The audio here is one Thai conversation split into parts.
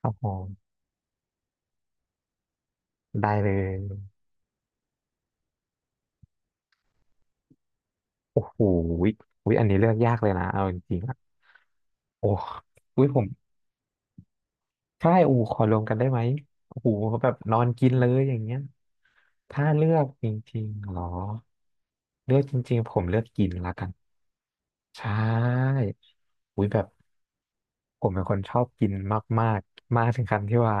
ครับผมได้เลยโอ้โหวิวิอันนี้เลือกยากเลยนะเอาจริงๆอะโอ้วิผมใช่โอ้ขอรวมกันได้ไหมโอ้โหแบบนอนกินเลยอย่างเงี้ยถ้าเลือกจริงๆเหรอเลือกจริงๆผมเลือกกินละกัน ใช่อุ้ยแบบผมเป็นคนชอบกินมากมากมากถึงขั้นที่ว่า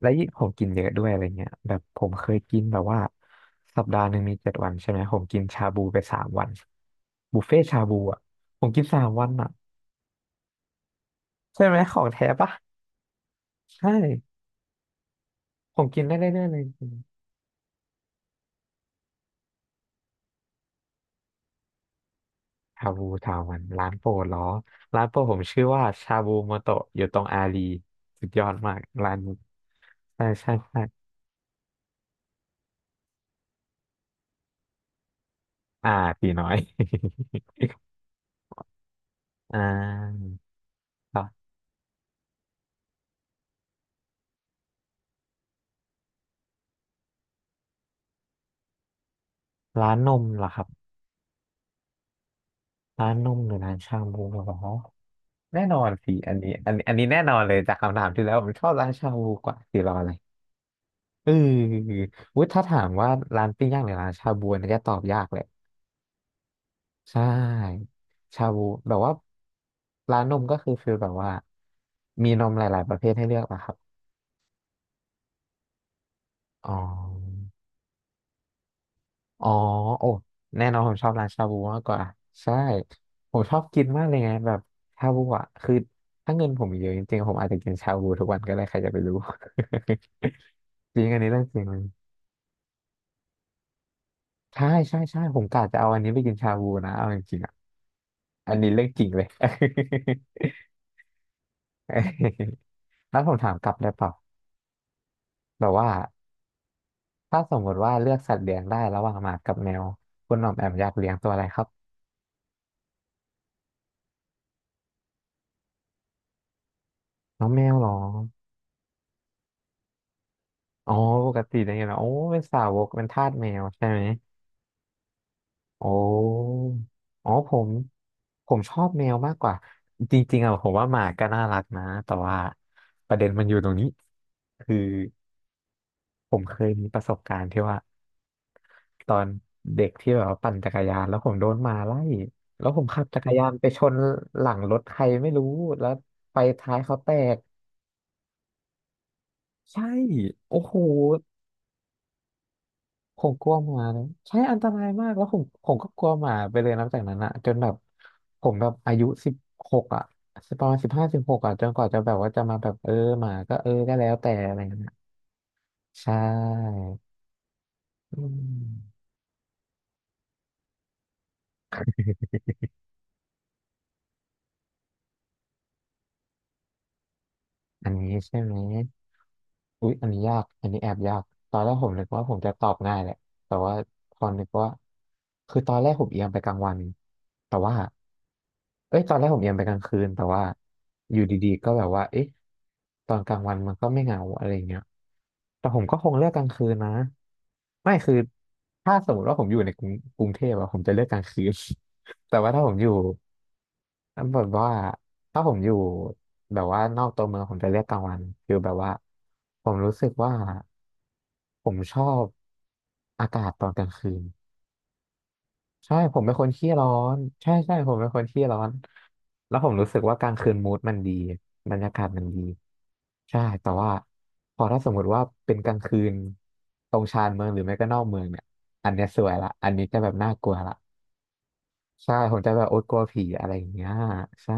และยิ่งผมกินเยอะด้วยอะไรเงี้ยแบบผมเคยกินแบบว่าสัปดาห์หนึ่งมี7 วันใช่ไหมผมกินชาบูไปสามวันบุฟเฟ่ชาบูอ่ะผมกินสามวันอ่ะใช่ไหมของแท้ปะใช่ผมกินได้เรื่อยๆเลยจริงชาบูสามวันร้านโปรดเหรอร้านโปรดผมชื่อว่าชาบูโมโตะอยู่ตรงอารีสุดยอดมากร้านนี้ใช่ใช่ใช่ อ่าตีน้อย อ่าก็ร้านนมเหรอครับร้านนมหรือร้านชาบูเหรอแน่นอนสิอันนี้แน่นอนเลยจากคำถามที่แล้วผมชอบร้านชาบูกว่าสิรออะไรเออวุ้ยถ้าถามว่าร้านปิ้งย่างหรือร้านชาบูอันนี่จะตอบยากเลยใช่ชาบูแบบว่าร้านนมก็คือฟีลแบบว่ามีนมหลายๆประเภทให้เลือกนะครับอ๋อ อ๋อโอ้แน่นอนผมชอบร้านชาบูมากกว่าใช่ผมชอบกินมากเลยไงแบบชาบูอ่ะคือถ้าเงินผมเยอะจริงๆผมอาจจะกินชาบูทุกวันก็ได้ใครจะไปรู้ จริงอันนี้เรื่องจริงเลยใช่ใช่ใช่ผมกะจะเอาอันนี้ไปกินชาบูนะเอาจริงๆอ่ะอันนี้เรื่องจริงเลย แล้วผมถามกลับได้เปล่าแบบว่าถ้าสมมติว่าเลือกสัตว์เลี้ยงได้ระหว่างหมากับแมวคุณหน่อมแอมอยากเลี้ยงตัวอะไรครับน้องแมวเหรอ อ๋อปกติเป็นไงล่ะโอ้เป็นสาวกเป็นทาสแมวใช่ไหมโอ้อ๋อผมชอบแมวมากกว่าจริงๆอะผมว่าหมาก็น่ารักนะแต่ว่าประเด็นมันอยู่ตรงนี้คือผมเคยมีประสบการณ์ที่ว่าตอนเด็กที่แบบว่าปั่นจักรยานแล้วผมโดนหมาไล่แล้วผมขับจักรยานไปชนหลังรถใครไม่รู้แล้วไฟท้ายเขาแตกใช่โอ้โห ผมกลัวหมาเลยใช่อันตรายมากแล้วผมก็กลัวหมาไปเลยนับจากนั้นอะจนแบบผมแบบอายุสิบหกอะประมาณ15-16อะจนกว่าจะแบบว่าจะมาแบบเออหมาก็เออก็แล้วแต่อะไรเงี้ยใช่อืมอันนี้ใช่ไหม อุ๊ยอันนี้ยากอันนี้แอบยากตอนแรกผมนึกว่าผมจะตอบง่ายแหละแต่ว่าพอนึกว่าคือตอนแรกผมเอียงไปกลางวันแต่ว่าเอ้ยตอนแรกผมเอียงไปกลางคืนแต่ว่าอยู่ดีๆก็แบบว่าเอ๊ะตอนกลางวันมันก็ไม่เหงาอะไรเงี้ยแต่ผมก็คงเลือกกลางคืนนะไม่คือถ้าสมมติว่าผมอยู่ในกรุงกรุงเทพอะผมจะเลือกกลางคืน แต่ว่าถ้าผมอยู่แบบว่าถ้าผมอยู่แบบว่านอกตัวเมืองผมจะเรือกกลางวันคือแบบว่าผมรู้สึกว่าผมชอบอากาศตอนกลางคืนใช่ผมเป็นคนขี้ร้อนใช่ใช่ผมเป็นคนขี้ร้อนแล้วผมรู้สึกว่ากลางคืนมูดมันดีบรรยากาศมันดีใช่แต่ว่าพอถ้าสมมติว่าเป็นกลางคืนตรงชานเมืองหรือไม่ก็นอกเมืองเนี่ยอันเนี้ยสวยละอันนี้จะแบบน่ากลัวละ ใช่ผมจะแบบโอ๊ตกลัวผีอะไรอย่างเงี้ยใช่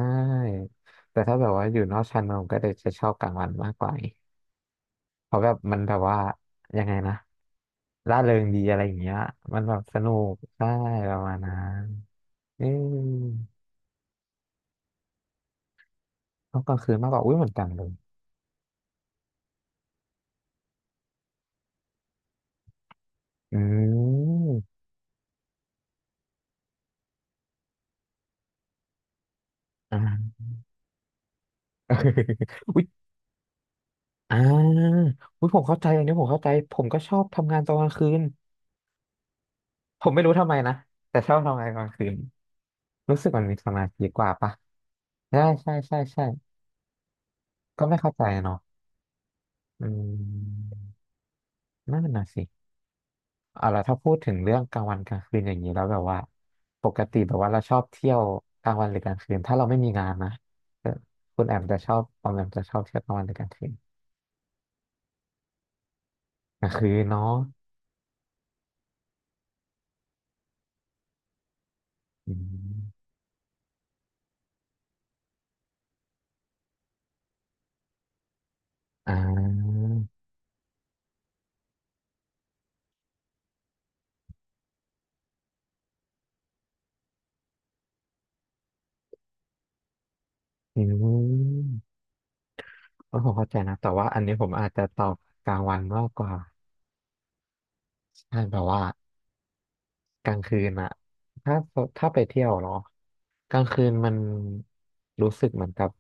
แต่ถ้าแบบว่าอยู่นอกชานเมืองผมก็จะชอบกลางวันมากกว่าเพราะแบบมันแบบว่ายังไงนะร่าเริงดีอะไรอย่างเงี้ยมันแบบสนุกใช่ประมาณนั้นเออต้องกลางคืนมากกว่าอุ้ยเหมือนกันเลยอืมอ่า อุ้ยอ่าอุ้ยผมเข้าใจอันนี้ผมเข้าใจผมก็ชอบทำงานตอนกลางคืนผมไม่รู้ทำไมนะแต่ชอบทำงานกลางคืนรู้สึกมันมีสมาธิกว่าปะใช่ใช่ใช่ใช่ ก็ไม่เข้าใจเนาะอืมนั่นน่ะสิเอาละถ้าพูดถึงเรื่องกลางวันกลางคืนอย่างนี้แล้วแบบว่าปกติแบบว่าเราชอบเที่ยวกลางวันหรือกลางคืนถ้าเราไม่มีงานนะเออคุณแอมจะชอบออมแอมจะชอบเที่ยวกลางวันหรือกลางคืนกลางคืนเนาะอืมอ่าอืมเออผมเข้าใจนะแต่ว่าอันนี้ผมอาจจะตอบกลางวันมากกว่าใช่แบบว่ากลางคืนอะถ้าถ้าไปเที่ยวเนาะ กลางคืนมันรู้สึกเหมือนกับ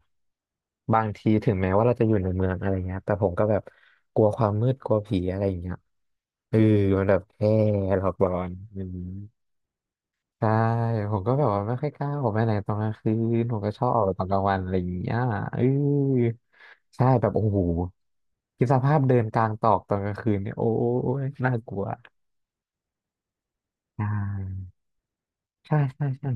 บางทีถึงแม้ว่าเราจะอยู่ในเมืองอะไรเงี้ยแต่ผมก็แบบกลัวความมืดกลัวผีอะไรอย่างเงี้ยเออมันแบบแค่หลอกหลอนอืมใช่ผมก็แบบว่าไม่ค่อยกล้าออกไปไหนตอนกลางคืนผมก็ชอบออกไปตอนกลางวันอะไรอย่างเงี้ยเออใช่แบบโอ้โหคิดสภาพเดินกลางตอกตอนกลางคืนเนี่ยโอ้ยน่ากลัวใช่ใช่ใช่ใช่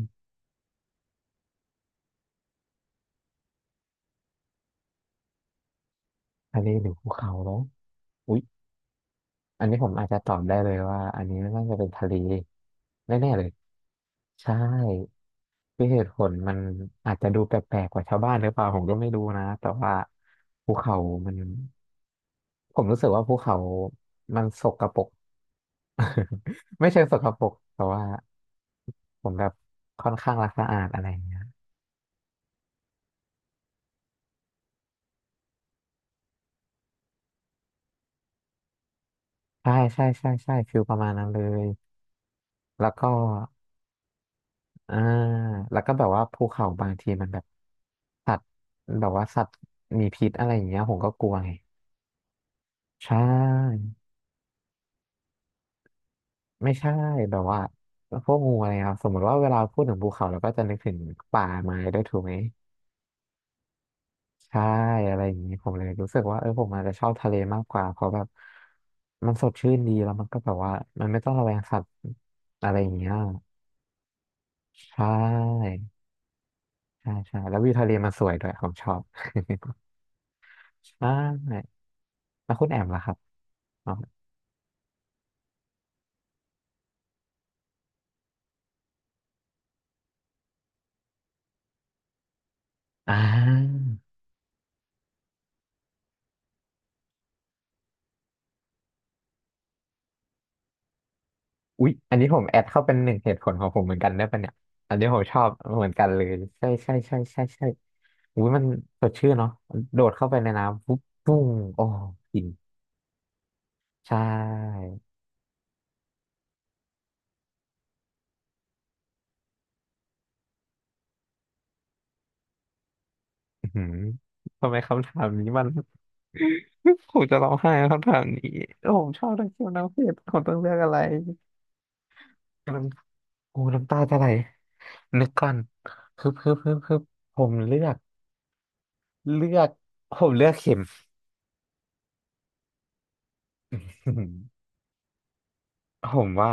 ทะเลหรือภูเขาเนาะ อันนี้ผมอาจจะตอบได้เลยว่าอันนี้น่าจะเป็นทะเลแน่ๆเลยใช่คือเหตุผลมันอาจจะดูแปลกๆกว่าชาวบ้านหรือเปล่าผมก็ไม่รู้นะแต่ว่าภูเขามันผมรู้สึกว่าภูเขามันสกปรก ไม่เชิงสกปรกแต่ว่าผมแบบค่อนข้างรักสะอาดอะไรอย่างเงี้ยใช่ใช่ใช่ใช่ฟิลประมาณนั้นเลยแล้วก็ อ่าแล้วก็แบบว่าภูเขาบางทีมันแบบสัตว์แบบว่าสัตว์มีพิษอะไรอย่างเงี้ยผมก็กลัวไงใช่ไม่ใช่แบบว่าพวกงูอะไรครับสมมติว่าเวลาพูดถึงภูเขาเราก็จะนึกถึงป่าไม้ด้วยถูกไหมใช่อะไรอย่างนี้ผมเลยรู้สึกว่าเออผมอาจจะชอบทะเลมากกว่าเพราะแบบมันสดชื่นดีแล้วมันก็แบบว่ามันไม่ต้องระแวงสัตว์อะไรอย่างเงี้ยใช่ใช่ใช่แล้ววิวทะเลมันสวยด้วยผมชอบ ใช่แล้วคุณแอมล่ะครับ อ่าอุ๊ยอันนี้ผมแอดเข้าเป็นหนึ่งเหตุผลของผมเหมือนกันได้ปะเนี่ยอันนี้ผมชอบเหมือนกันเลยใช่ใช่ใช่ใช่ใช่อุ๊ยมันสดชื่นเนาะโดดเข้าไปในน้ำปุ๊บปุ้งโอ้กินใช่อื้อหือทำไมคำถามนี้มัน ผมจะร้องไห้กับคำถามนี้โอ้ผมชอบทั้งคิวทั้งเพศผมต้องเลือกอะไรน้ำโอ้น้ำตาจะไหลนึกก่อนฮึบฮึบฮึบฮึบผมเลือกเลือกผมเลือกเข็ม ผมว่า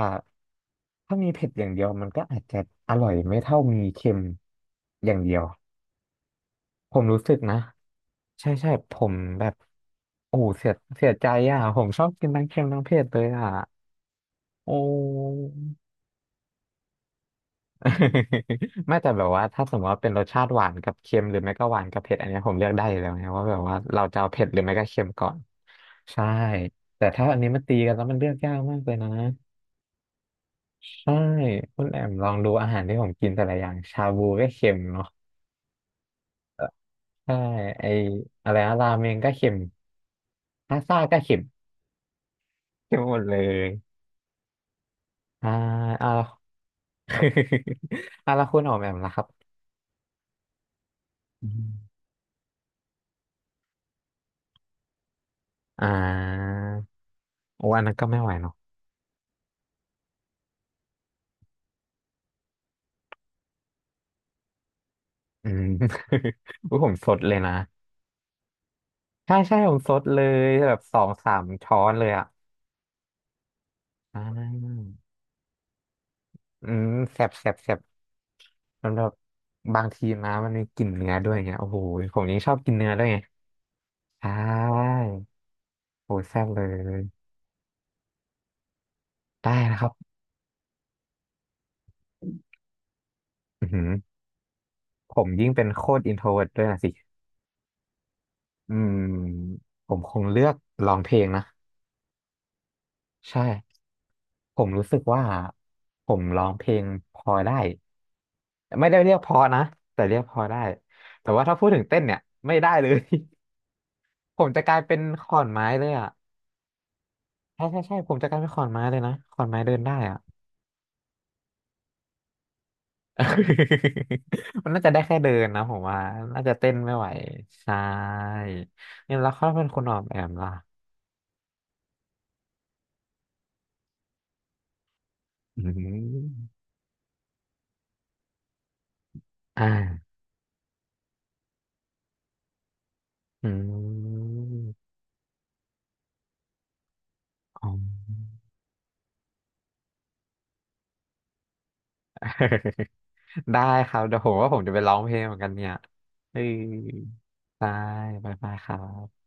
ถ้ามีเผ็ดอย่างเดียวมันก็อาจจะอร่อยไม่เท่ามีเค็มอย่างเดียวผมรู้สึกนะใช่ใช่ผมแบบโอ้เสียเสียใจอ่ะผมชอบกินทั้งเค็มทั้งเผ็ดเลยอ่ะโอ้ ไม่แต่แบบว่าถ้าสมมติว่าเป็นรสชาติหวานกับเค็มหรือไม่ก็หวานกับเผ็ดอันเนี้ยผมเลือกได้อยู่แล้วนะว่าแบบว่าเราจะเอาเผ็ดหรือไม่ก็เค็มก่อนใช่แต่ถ้าอันนี้มันตีกันแล้วมันเลือกยากมากเลยนะ ใช่คุณแอมลองดูอาหารที่ผมกินแต่ละอย่างชาบูก็เค็มเนาะใช่ไออะไรนะราเมงก็เค็มพาสต้าก็เค็มเค็มหมดเลยอ่าเอา เอาละคุณออมแอมล่ะครับอืมอ่าโอ้อันนั้นก็ไม่ไหวเนาะอืม อุ๊ยผมสดเลยนะใช่ใช่ผมสดเลยแบบ2-3ช้อนเลยอ่ะอ่าอืมแสบแสบแสบมันแบบบางทีนะมันมีกลิ่นเนื้อด้วยไงโอ้โหผมยังชอบกินเนื้อด้วยไง ใช่โหแซ่บเลยได้นะครับอือหือผมยิ่งเป็นโคตรอินโทรเวิร์ด้วยนะสิอืมผมคงเลือกร้องเพลงนะใช่ผมรู้สึกว่าผมร้องเพลงพอได้ไม่ได้เรียกเพอนะแต่เรียกพอได้แต่ว่าถ้าพูดถึงเต้นเนี่ยไม่ได้เลย ผมจะกลายเป็นขอนไม้เลยอ่ะใช่ใช่ใช่ผมจะกลายเป็นขอนไม้เลยนะขอนไม้เดินได้อ่ะ มันน่าจะได้แค่เดินนะผมว่าน่าจะเต้นไม่ไหวใช่เนี่ยแล้วเขาเป็นคนออกแบบล่ะอืมอ่าอืม อ๋อ ได้ครับเดี๋ยวผมว่าผมจะไปร้องเพลงเหมือนกันเนี่ยเออได้บายบายครับ